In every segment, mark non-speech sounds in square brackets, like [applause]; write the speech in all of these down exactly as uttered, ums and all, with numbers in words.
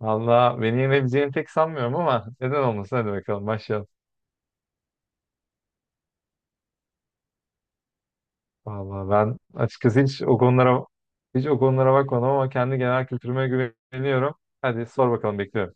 Valla beni yenebileceğini pek sanmıyorum ama neden olmasın, hadi bakalım başlayalım. Valla ben açıkçası hiç o konulara hiç o konulara bakmadım ama kendi genel kültürüme güveniyorum. Hadi sor bakalım, bekliyorum.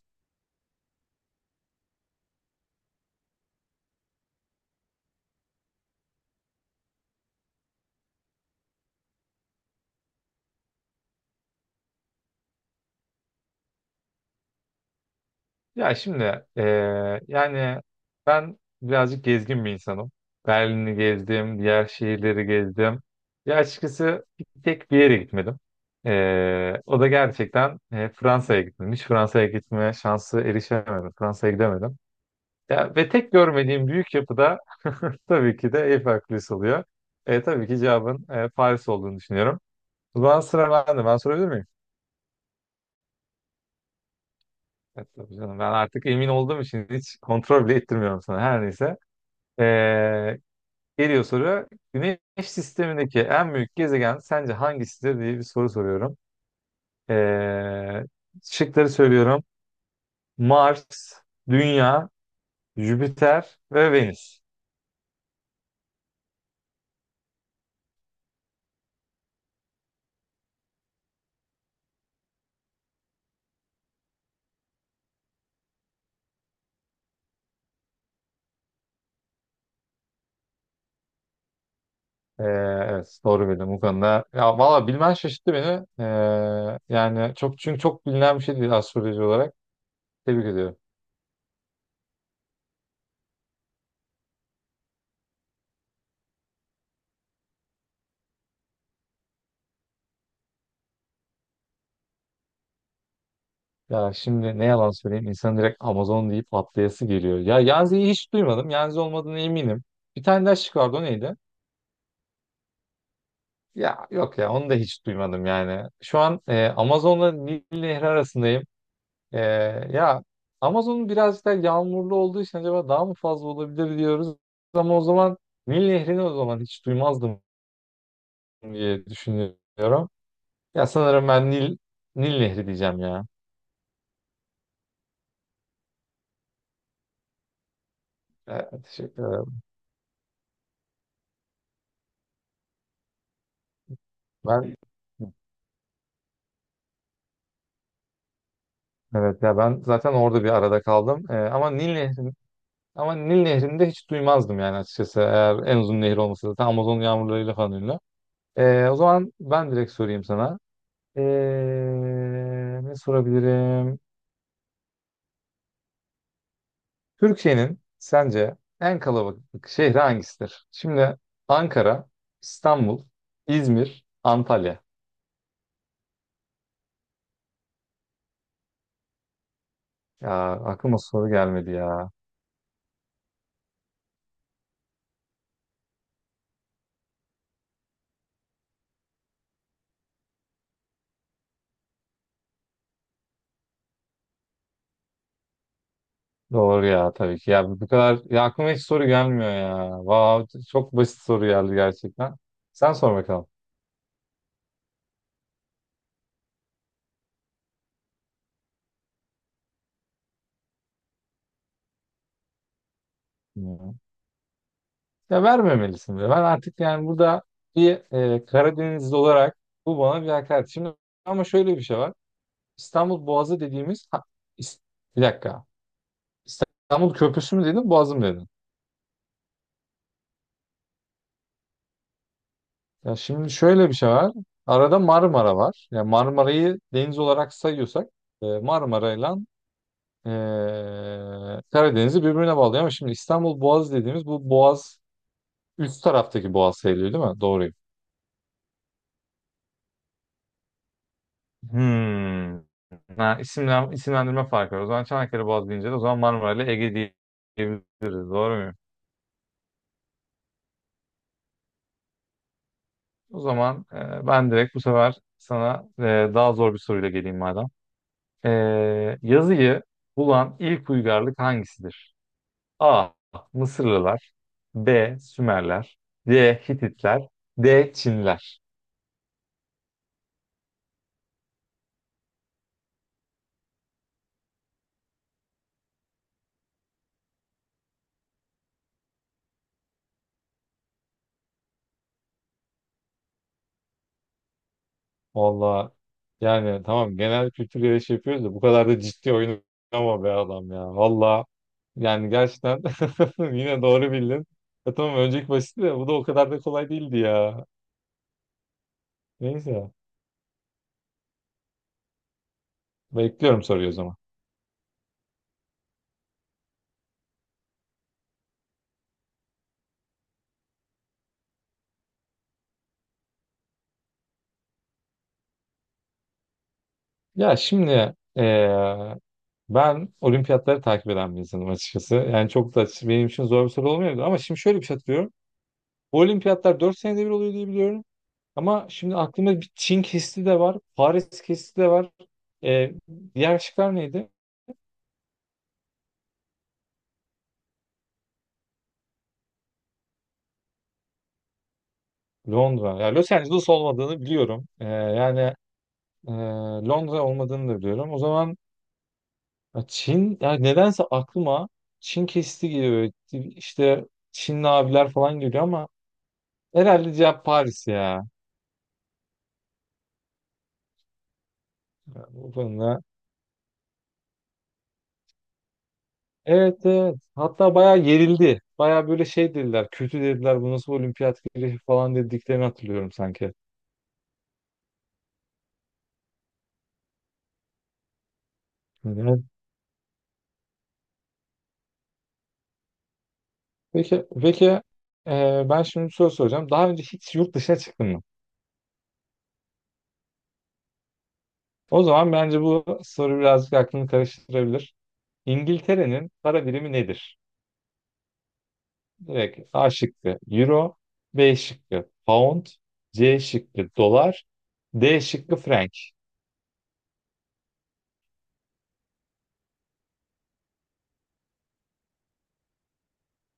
Ya şimdi eee, yani ben birazcık gezgin bir insanım. Berlin'i gezdim, diğer şehirleri gezdim. Ya açıkçası bir tek bir yere gitmedim. Eee, o da gerçekten eee, Fransa'ya gittim. Hiç Fransa'ya gitme şansı erişemedim. Fransa'ya gidemedim. Ya, ve tek görmediğim büyük yapıda [laughs] tabii ki de Eiffel Kulesi oluyor. E, tabii ki cevabın e, Paris olduğunu düşünüyorum. O zaman sıra bende. Ben sorabilir miyim? Evet, tabii canım. Ben artık emin olduğum için hiç kontrol bile ettirmiyorum sana. Her neyse. E, Geliyor soru. Güneş sistemindeki en büyük gezegen sence hangisidir diye bir soru soruyorum. E, Şıkları söylüyorum. Mars, Dünya, Jüpiter ve Venüs. Ee, evet, doğru bildim bu konuda. Ya valla bilmen şaşırttı beni. Ee, yani çok çünkü çok bilinen bir şey değil astroloji olarak. Tebrik ediyorum. Ya şimdi ne yalan söyleyeyim, insan direkt Amazon deyip atlayası geliyor. Ya Yanzi'yi hiç duymadım. Yanzi olmadığına eminim. Bir tane daha şık vardı, o neydi? Ya yok ya, onu da hiç duymadım yani. Şu an e, Amazon'la Nil Nehri arasındayım. E, Ya Amazon'un biraz da yağmurlu olduğu için acaba daha mı fazla olabilir diyoruz. Ama o zaman Nil Nehri'ni o zaman hiç duymazdım. diye düşünüyorum. Ya sanırım ben Nil Nil Nehri diyeceğim ya. Evet, teşekkür ederim. Ben evet ya, ben zaten orada bir arada kaldım. Ee, ama Nil Nehri ama Nil Nehri'ni de hiç duymazdım yani açıkçası. Eğer en uzun nehir olması, zaten Amazon yağmurlarıyla falan ünlü. Ee, o zaman ben direkt sorayım sana. Ee, Ne sorabilirim? Türkiye'nin sence en kalabalık şehri hangisidir? Şimdi Ankara, İstanbul, İzmir, Antalya. Ya aklıma soru gelmedi ya. Doğru ya tabii ki. Ya bu kadar, ya aklıma hiç soru gelmiyor ya. Vav, çok basit soru geldi gerçekten. Sen sor bakalım. Hmm. Ya vermemelisin be. Ben artık yani burada bir e, Karadenizli olarak bu bana bir hakaret. Şimdi ama şöyle bir şey var. İstanbul Boğazı dediğimiz ha, is- bir dakika. İstanbul Köprüsü mü dedin, Boğazı mı dedin? Ya şimdi şöyle bir şey var. Arada Marmara var. Ya Marmara'yı deniz olarak sayıyorsak e, Marmara'yla Ee, Karadeniz'i birbirine bağlıyor, ama şimdi İstanbul Boğazı dediğimiz bu Boğaz üst taraftaki Boğaz sayılıyor değil mi? Doğruyum. Hmm. Ha, isimlen, isimlendirme farkı var. O zaman Çanakkale Boğazı deyince de o zaman Marmara ile Ege diye- diyebiliriz. Doğru muyum? O zaman e, ben direkt bu sefer sana e, daha zor bir soruyla geleyim madem. E, Yazıyı bulan ilk uygarlık hangisidir? A. Mısırlılar, B. Sümerler, C. Hititler, D. Çinliler. Valla yani tamam, genel kültür yarışı yapıyoruz da bu kadar da ciddi oyun ama be adam ya. Valla yani gerçekten [laughs] yine doğru bildin. Ya tamam, önceki basitti de bu da o kadar da kolay değildi ya. Neyse, bekliyorum soruyu o zaman. Ya şimdi eee, ben olimpiyatları takip eden bir insanım açıkçası. Yani çok da benim için zor bir soru olmayabilir ama şimdi şöyle bir şey hatırlıyorum. Bu olimpiyatlar dört senede bir oluyor diye biliyorum. Ama şimdi aklımda bir Çin kesti de var, Paris kesti de var. Ee, Diğer şıklar neydi? Londra. Ya Los Angeles olmadığını biliyorum. Ee, yani e, Londra olmadığını da biliyorum. O zaman ya Çin, ya nedense aklıma Çin kesti geliyor. İşte Çinli abiler falan geliyor ama herhalde cevap Paris ya. Bu konuda. Evet, evet. Hatta bayağı yerildi. Bayağı böyle şey dediler. Kötü dediler. Bu nasıl olimpiyat güreşi falan dediklerini hatırlıyorum sanki. Evet. Peki, peki, e, ben şimdi bir soru soracağım. Daha önce hiç yurt dışına çıktın mı? O zaman bence bu soru birazcık aklını karıştırabilir. İngiltere'nin para birimi nedir? Direkt A şıkkı Euro, B şıkkı Pound, C şıkkı Dolar, D şıkkı Frank.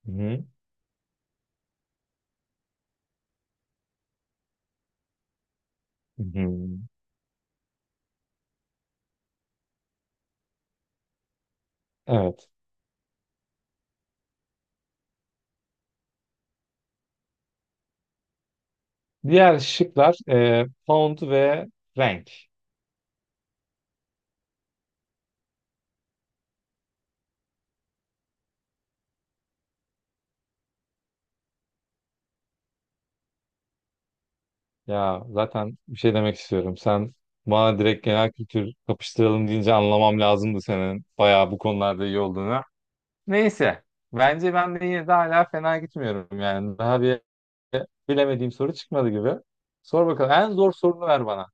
Hı-hı. Evet. Diğer şıklar e, Pound ve Frank. Ya zaten bir şey demek istiyorum. Sen bana direkt genel kültür kapıştıralım deyince anlamam lazımdı senin bayağı bu konularda iyi olduğunu. Neyse. Bence ben de yine de hala fena gitmiyorum yani. Daha bir bilemediğim soru çıkmadı gibi. Sor bakalım. En zor sorunu ver bana.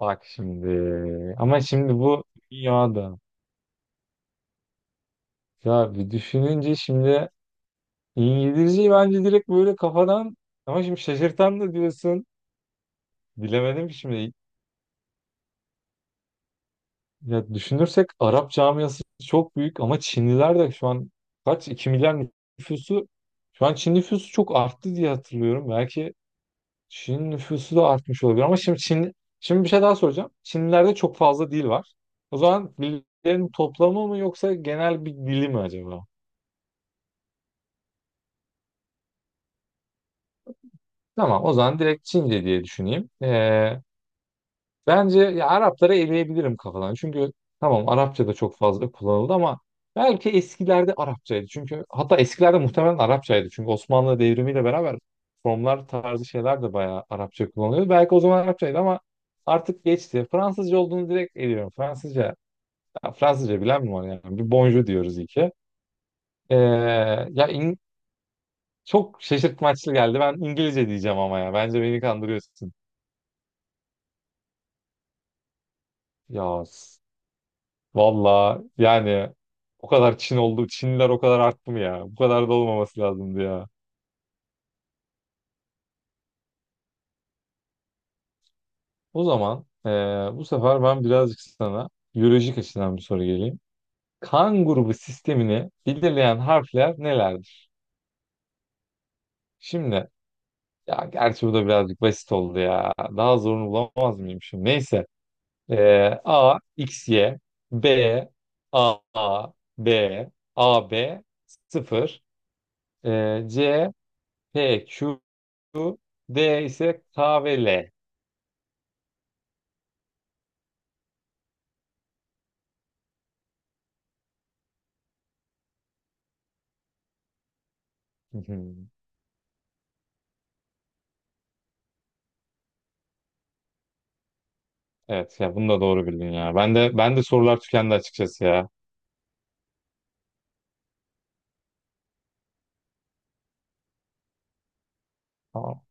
Bak şimdi. Ama şimdi bu dünyada. Ya bir düşününce şimdi İngilizceyi bence direkt böyle kafadan, ama şimdi şaşırtan da diyorsun. Bilemedim ki şimdi. Ya düşünürsek Arap camiası çok büyük ama Çinliler de şu an, kaç, iki milyar nüfusu, şu an Çin nüfusu çok arttı diye hatırlıyorum. Belki Çin nüfusu da artmış olabilir ama şimdi Çin, şimdi bir şey daha soracağım. Çinlilerde çok fazla dil var. O zaman dillerin toplamı mı yoksa genel bir dili mi acaba? Tamam, o zaman direkt Çince diye düşüneyim. Ee, Bence ya Arapları eleyebilirim kafadan. Çünkü tamam Arapça da çok fazla kullanıldı ama belki eskilerde Arapçaydı. Çünkü hatta eskilerde muhtemelen Arapçaydı. Çünkü Osmanlı devrimiyle beraber formlar tarzı şeyler de bayağı Arapça kullanılıyordu. Belki o zaman Arapçaydı ama artık geçti. Fransızca olduğunu direkt eliyorum. Fransızca, ya Fransızca bilen mi var yani? Bir bonjour diyoruz iyi ki. Ee, Ya in- çok şaşırtmaçlı geldi. Ben İngilizce diyeceğim ama ya. Bence beni kandırıyorsun. Ya valla yani o kadar Çin oldu. Çinliler o kadar arttı mı ya? Bu kadar da olmaması lazımdı ya. O zaman eee, bu sefer ben birazcık sana biyolojik açıdan bir soru geleyim. Kan grubu sistemini belirleyen harfler nelerdir? Şimdi ya gerçi bu da birazcık basit oldu ya. Daha zorunu bulamaz mıyım şimdi? Neyse. Eee A, X, Y, B, A, A, B, A, B, sıfır, eee, C, P, Q, Su, D ise K ve L. Hı hı. Evet ya, bunu da doğru bildin ya. Ben de ben de sorular tükendi açıkçası ya. Tamam.